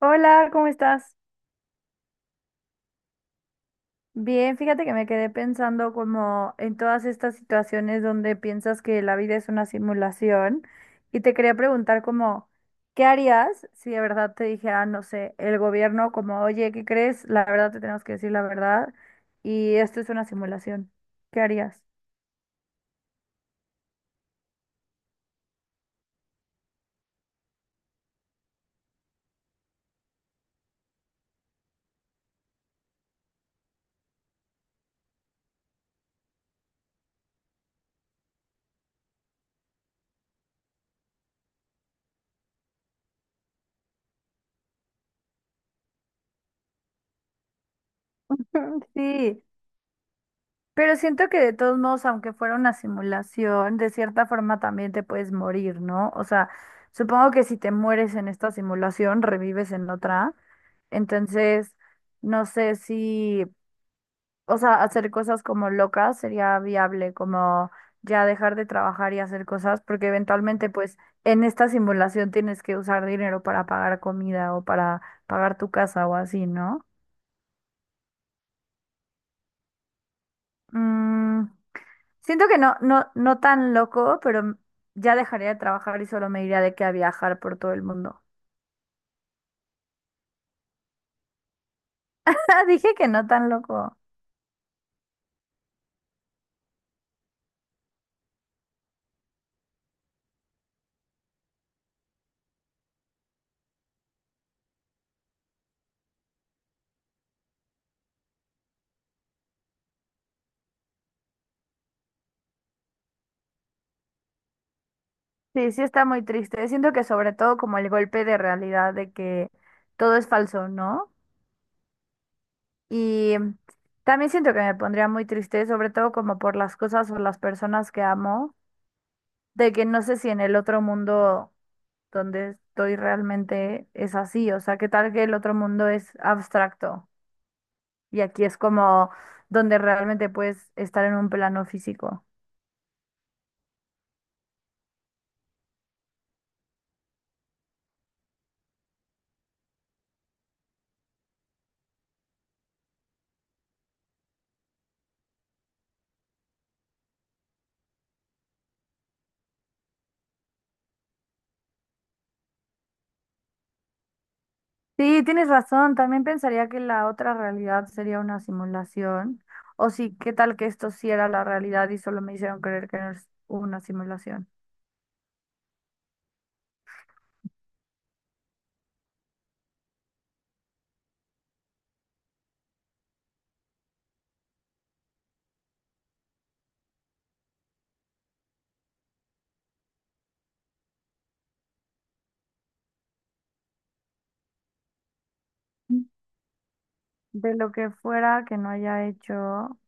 Hola, ¿cómo estás? Bien, fíjate que me quedé pensando como en todas estas situaciones donde piensas que la vida es una simulación y te quería preguntar como, ¿qué harías si de verdad te dijera, no sé, el gobierno como, oye, ¿qué crees? La verdad te tenemos que decir la verdad y esto es una simulación. ¿Qué harías? Sí. Pero siento que de todos modos, aunque fuera una simulación, de cierta forma también te puedes morir, ¿no? O sea, supongo que si te mueres en esta simulación, revives en otra. Entonces, no sé si, o sea, hacer cosas como locas sería viable, como ya dejar de trabajar y hacer cosas, porque eventualmente, pues, en esta simulación tienes que usar dinero para pagar comida o para pagar tu casa o así, ¿no? Mm. Siento que no tan loco, pero ya dejaría de trabajar y solo me iría de que a viajar por todo el mundo. Dije que no tan loco. Sí, sí está muy triste. Siento que sobre todo como el golpe de realidad de que todo es falso, ¿no? Y también siento que me pondría muy triste, sobre todo como por las cosas o las personas que amo, de que no sé si en el otro mundo donde estoy realmente es así, o sea, qué tal que el otro mundo es abstracto. Y aquí es como donde realmente puedes estar en un plano físico. Sí, tienes razón. También pensaría que la otra realidad sería una simulación. O sí, ¿qué tal que esto sí era la realidad y solo me hicieron creer que no es una simulación? Mm. De lo que fuera que no haya hecho,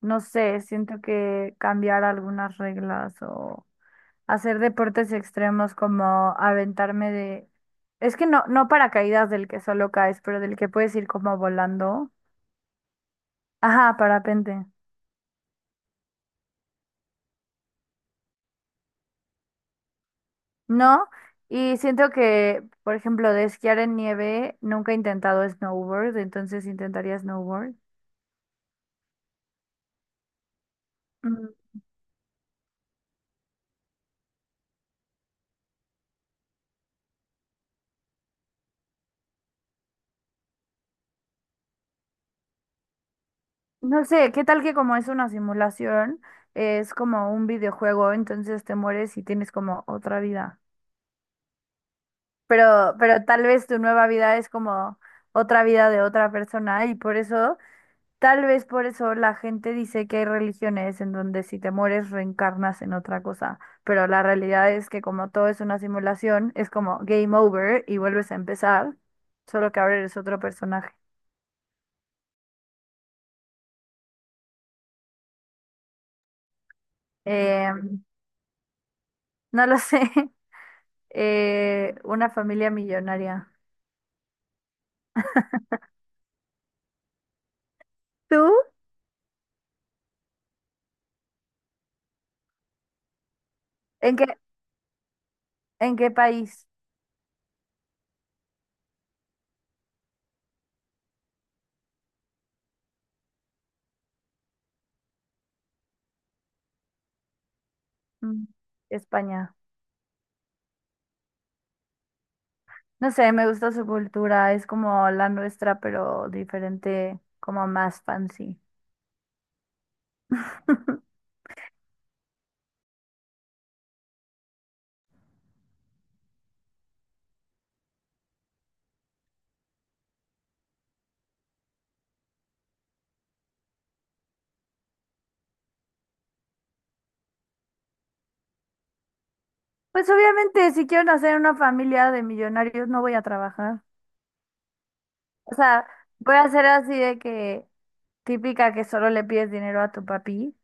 no sé, siento que cambiar algunas reglas o hacer deportes extremos como aventarme de... Es que no paracaídas del que solo caes, pero del que puedes ir como volando. Ajá, parapente. No, y siento que, por ejemplo, de esquiar en nieve, nunca he intentado snowboard, entonces intentaría snowboard. Mm, No sé, ¿qué tal que como es una simulación, es como un videojuego, entonces te mueres y tienes como otra vida? Pero tal vez tu nueva vida es como otra vida de otra persona y por eso tal vez por eso la gente dice que hay religiones en donde si te mueres reencarnas en otra cosa, pero la realidad es que como todo es una simulación, es como game over y vuelves a empezar, solo que ahora eres otro personaje. Eh, no lo sé, una familia millonaria. ¿Tú? ¿En qué, en qué país? Mm, España. No sé, me gusta su cultura, es como la nuestra, pero diferente, como más fancy. Pues obviamente, si quiero hacer una familia de millonarios, no voy a trabajar. O sea, voy a hacer así de que típica que solo le pides dinero a tu papi.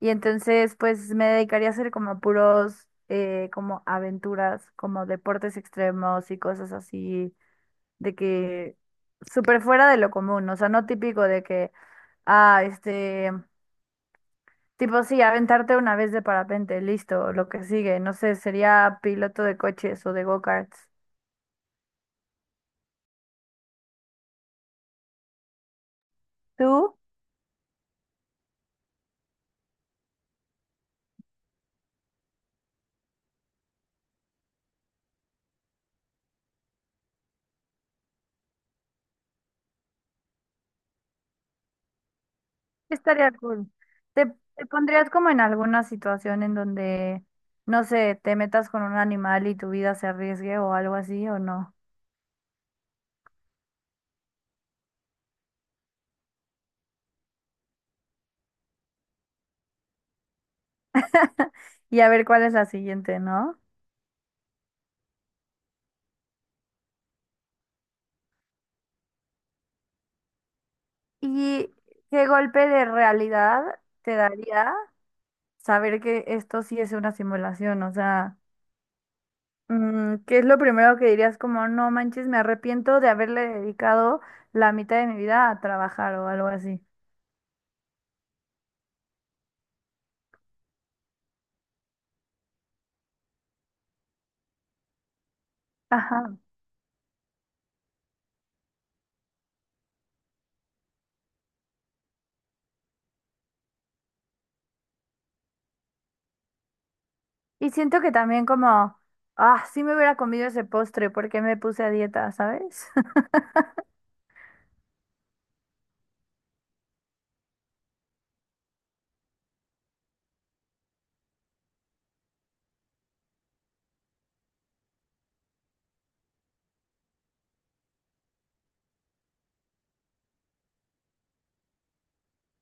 Y entonces, pues me dedicaría a hacer como puros, como aventuras, como deportes extremos y cosas así, de que súper fuera de lo común. O sea, no típico de que, ah, este, tipo, sí, aventarte una vez de parapente, listo, lo que sigue. No sé, sería piloto de coches o de go-karts. ¿Tú? Estaría cool. ¿Te, te pondrías como en alguna situación en donde, no sé, te metas con un animal y tu vida se arriesgue o algo así o no? Y a ver cuál es la siguiente, ¿no? ¿Y qué golpe de realidad te daría saber que esto sí es una simulación? O sea, ¿qué es lo primero que dirías como, no manches, me arrepiento de haberle dedicado la mitad de mi vida a trabajar o algo así? Ajá. Y siento que también como, ah, sí me hubiera comido ese postre porque me puse a dieta, ¿sabes?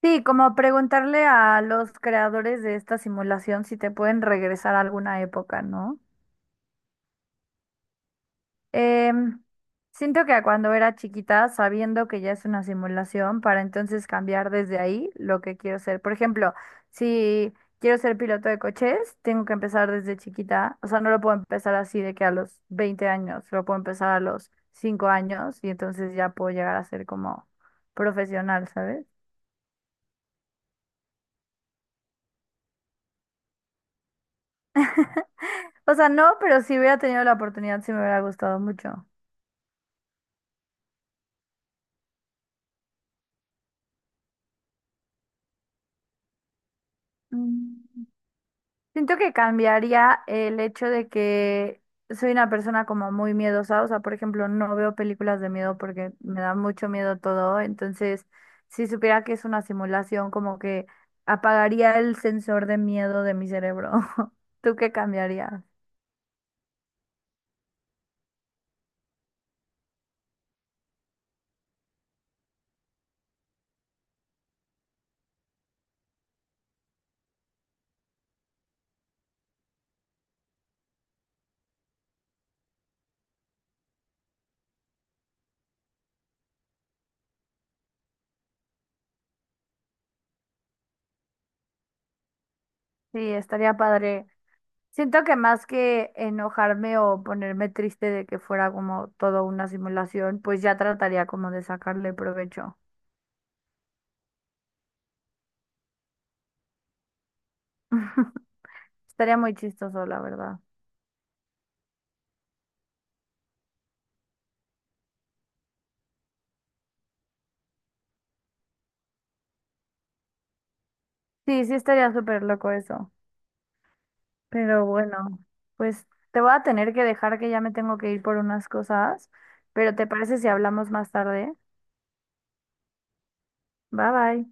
Sí, como preguntarle a los creadores de esta simulación si te pueden regresar a alguna época, ¿no? Em, siento que cuando era chiquita, sabiendo que ya es una simulación, para entonces cambiar desde ahí lo que quiero ser. Por ejemplo, si quiero ser piloto de coches, tengo que empezar desde chiquita. O sea, no lo puedo empezar así de que a los 20 años, lo puedo empezar a los 5 años y entonces ya puedo llegar a ser como profesional, ¿sabes? O sea, no, pero si hubiera tenido la oportunidad, sí me hubiera gustado mucho. Mm. Siento que cambiaría el hecho de que soy una persona como muy miedosa, o sea, por ejemplo, no veo películas de miedo porque me da mucho miedo todo, entonces si supiera que es una simulación, como que apagaría el sensor de miedo de mi cerebro. ¿Tú qué cambiarías? Sí, estaría padre. Siento que más que enojarme o ponerme triste de que fuera como todo una simulación, pues ya trataría como de sacarle provecho. Estaría muy chistoso, la verdad. Sí, sí estaría súper loco eso. Pero bueno, pues te voy a tener que dejar que ya me tengo que ir por unas cosas, pero ¿te parece si hablamos más tarde? Bye bye.